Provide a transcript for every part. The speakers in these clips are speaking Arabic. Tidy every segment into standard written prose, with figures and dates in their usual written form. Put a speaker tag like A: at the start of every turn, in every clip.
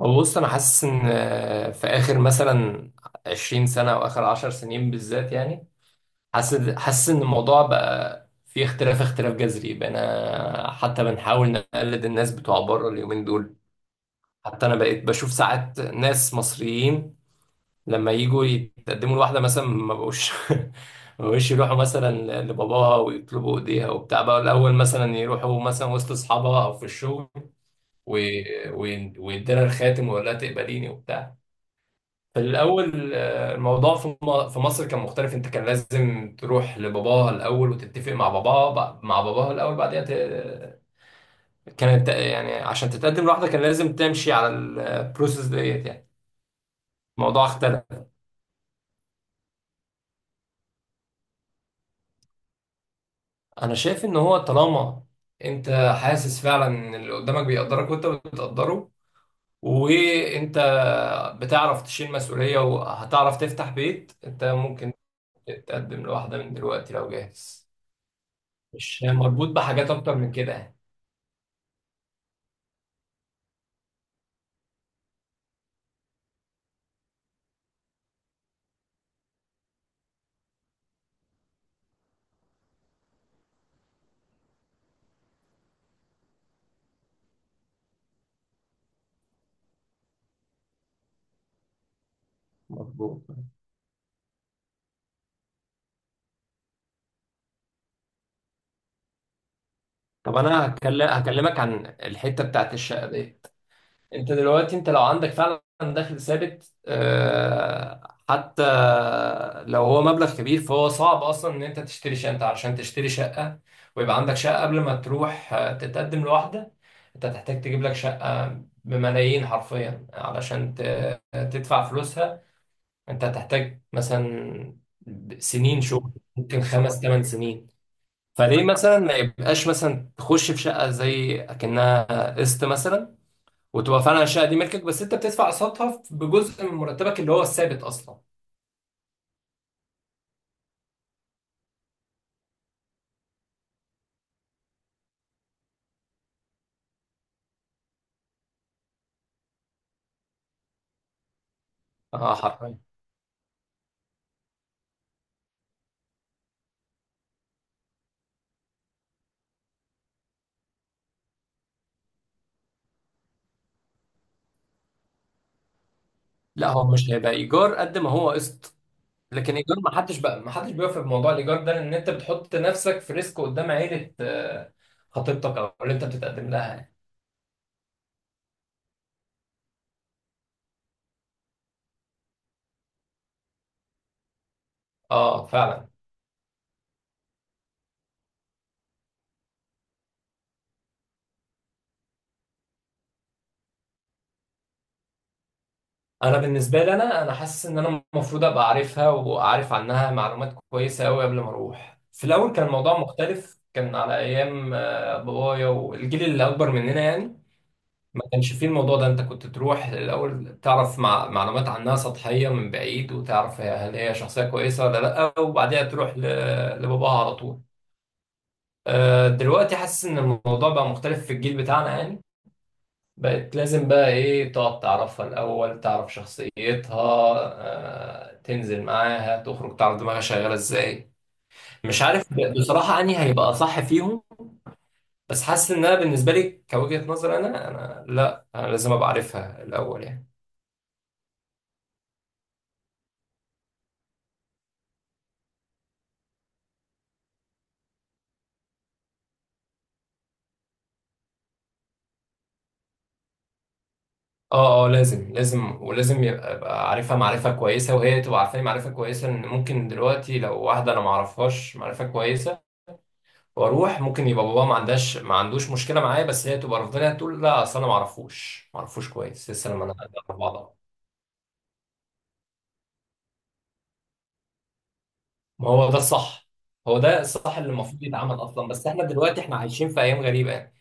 A: هو بص انا حاسس ان في اخر مثلا 20 سنه او اخر 10 سنين بالذات يعني. حاسس ان الموضوع بقى في اختلاف اختلاف جذري، بقينا حتى بنحاول نقلد الناس بتوع بره اليومين دول. حتى انا بقيت بشوف ساعات ناس مصريين لما يجوا يتقدموا لواحده مثلا ما بقوش ما بقوش يروحوا مثلا لباباها ويطلبوا ايديها وبتاع، بقى الاول مثلا يروحوا مثلا وسط اصحابها او في الشغل، ويديلها الخاتم ويقول لها تقبليني وبتاع. في الأول الموضوع في في مصر كان مختلف. أنت كان لازم تروح لباباها الأول وتتفق مع باباها، مع باباها الأول بعدين كانت يعني عشان تتقدم لوحدك كان لازم تمشي على البروسيس ديت يعني. الموضوع اختلف. أنا شايف إن هو طالما أنت حاسس فعلا إن اللي قدامك بيقدرك وأنت بتقدره، وأنت بتعرف تشيل مسؤولية وهتعرف تفتح بيت، أنت ممكن تتقدم لواحدة من دلوقتي لو جاهز، مش مربوط بحاجات أكتر من كده يعني. مظبوط. طب انا هكلمك عن الحته بتاعت الشقه ديت. انت دلوقتي، انت لو عندك فعلا دخل ثابت حتى لو هو مبلغ كبير، فهو صعب اصلا ان انت تشتري شقه. انت عشان تشتري شقه ويبقى عندك شقه قبل ما تروح تتقدم لواحده، انت هتحتاج تجيب لك شقه بملايين حرفيا علشان تدفع فلوسها. انت هتحتاج مثلا سنين شغل، ممكن خمس ثمان سنين. فليه مثلا ما يبقاش مثلا تخش في شقه زي اكنها قسط مثلا، وتبقى فعلا الشقه دي ملكك بس انت بتدفع قسطها بجزء من مرتبك اللي هو الثابت اصلا. اه حرفيا. لا، هو مش هيبقى ايجار قد ما هو قسط. لكن ايجار، ما حدش بيوافق بموضوع الايجار ده لان انت بتحط نفسك في ريسك قدام عيله، خطيبتك او اللي انت بتتقدم لها يعني. اه فعلا. انا بالنسبه لي، انا حاسس ان انا المفروض ابقى عارفها واعرف عنها معلومات كويسه قوي قبل ما اروح. في الاول كان الموضوع مختلف، كان على ايام بابايا والجيل اللي اكبر مننا يعني. ما كانش فيه الموضوع ده. انت كنت تروح الاول تعرف مع معلومات عنها سطحيه من بعيد، وتعرف هل هي شخصيه كويسه ولا لا، وبعدها تروح لباباها على طول. دلوقتي حاسس ان الموضوع بقى مختلف في الجيل بتاعنا يعني. بقت لازم بقى ايه، تقعد تعرفها الأول، تعرف شخصيتها، تنزل معاها تخرج تعرف دماغها شغالة ازاي. مش عارف بصراحة أنهي هيبقى صح فيهم، بس حاسس إن أنا بالنسبة لي كوجهة نظر، أنا لا، أنا لازم أبقى عارفها الأول يعني. اه اه لازم، لازم ولازم يبقى أبقى عارفها معرفة كويسة وهي تبقى عارفاني معرفة كويسة. إن ممكن دلوقتي لو واحدة أنا معرفهاش معرفة كويسة واروح، ممكن يبقى بابا ما عندهاش ما عندوش مشكله معايا بس هي تبقى رافضاني، تقول لا اصل انا ما اعرفوش كويس لسه، لما انا أعرف بعضها. ما هو ده الصح. هو ده الصح اللي المفروض يتعمل اصلا، بس احنا دلوقتي احنا عايشين في ايام غريبه يعني.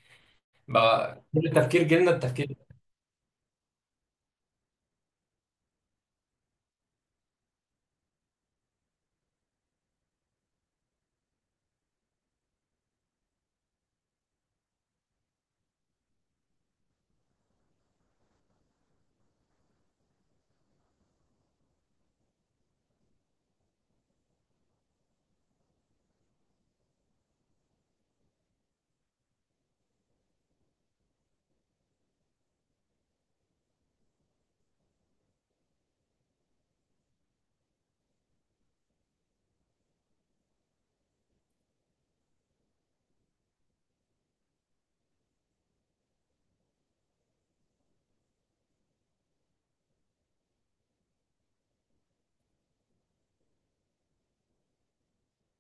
A: بقى كل التفكير، جيلنا التفكير.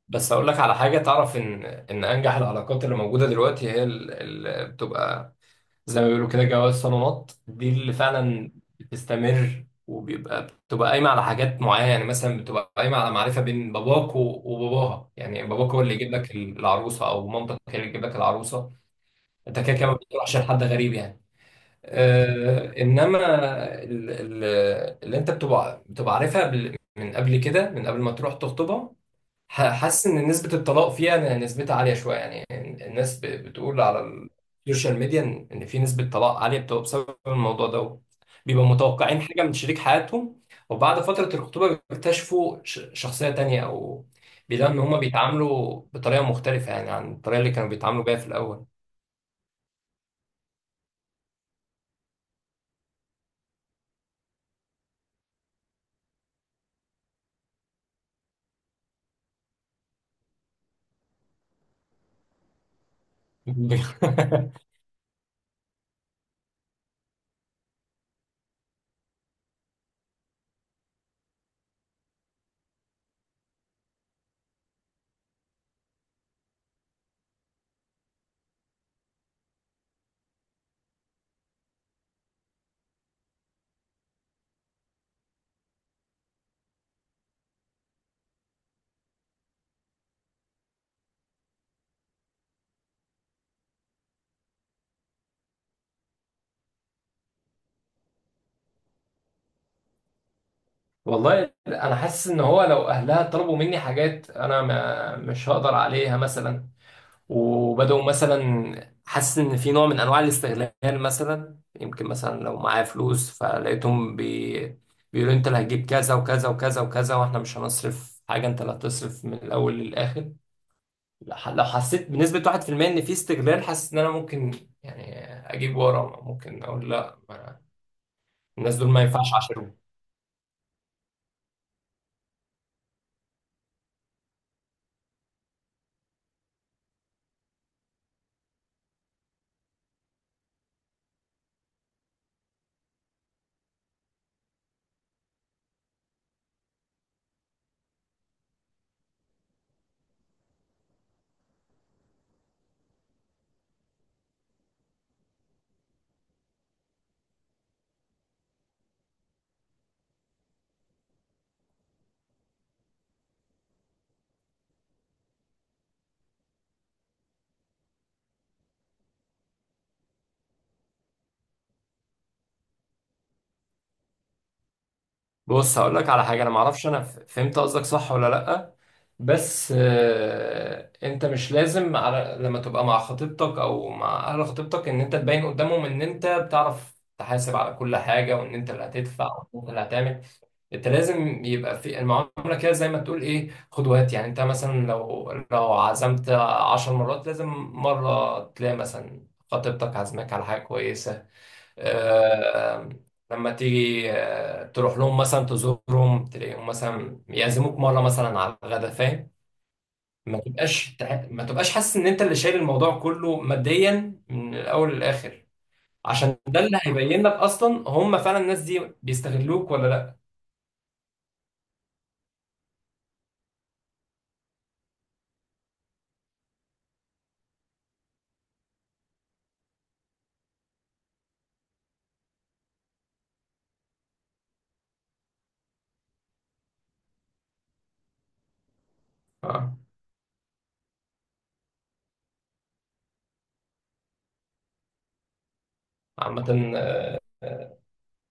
A: بس اقول لك على حاجه. تعرف ان انجح العلاقات اللي موجوده دلوقتي هي اللي بتبقى زي ما بيقولوا كده جواز صالونات. دي اللي فعلا بتستمر، وبيبقى بتبقى قايمة على حاجات معينة يعني. مثلا بتبقى قايمة على معرفة بين باباك وباباها. يعني باباك هو اللي يجيب لك العروسة أو مامتك هي اللي تجيب لك العروسة. أنت كده كده ما بتروحش لحد غريب يعني. آه إنما ال- ال- اللي أنت بتبقى عارفها من قبل كده من قبل ما تروح تخطبها. حاسس ان نسبة الطلاق فيها، إن نسبتها عالية شوية يعني. الناس بتقول على السوشيال ميديا ان في نسبة طلاق عالية بتبقى بسبب الموضوع ده. بيبقوا متوقعين حاجة من شريك حياتهم، وبعد فترة الخطوبة بيكتشفوا شخصية تانية، او بيلاقوا ان هما بيتعاملوا بطريقة مختلفة يعني عن الطريقة اللي كانوا بيتعاملوا بيها في الاول. والله انا حاسس ان هو لو اهلها طلبوا مني حاجات انا ما مش هقدر عليها مثلا، وبدأوا مثلا، حاسس ان في نوع من انواع الاستغلال مثلا، يمكن مثلا لو معايا فلوس فلقيتهم بي... بيقولوا انت اللي هتجيب كذا وكذا وكذا وكذا واحنا مش هنصرف حاجة، انت اللي هتصرف من الاول للاخر. لو حسيت بنسبة 1% ان في استغلال، حاسس ان انا ممكن يعني اجيب ورا، ممكن اقول لا الناس دول ما ينفعش، عشان. بص هقول لك على حاجه. انا ما اعرفش انا فهمت قصدك صح ولا لا. بس انت مش لازم على لما تبقى مع خطيبتك او مع اهل خطيبتك ان انت تبين قدامهم ان انت بتعرف تحاسب على كل حاجه وان انت اللي هتدفع وان انت اللي هتعمل. انت لازم يبقى في المعامله كده زي ما تقول ايه، خد وهات يعني. انت مثلا لو عزمت 10 مرات لازم مره تلاقي مثلا خطيبتك عزمك على حاجه كويسه، آه، لما تيجي تروح لهم مثلا تزورهم، تلاقيهم مثلا يعزموك مره مثلا على الغدا فاهم. ما تبقاش حاسس ان انت اللي شايل الموضوع كله ماديا من الاول للاخر. عشان ده اللي هيبين لك اصلا هم فعلا الناس دي بيستغلوك ولا لا. آه، عامه، آه،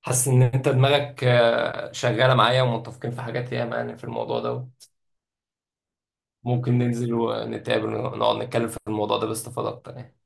A: حاسس ان انت دماغك شغاله معايا ومتفقين في حاجات ياما يعني في الموضوع ده. ممكن ننزل ونتقابل ونقعد نتكلم في الموضوع ده باستفاضه اكتر يعني.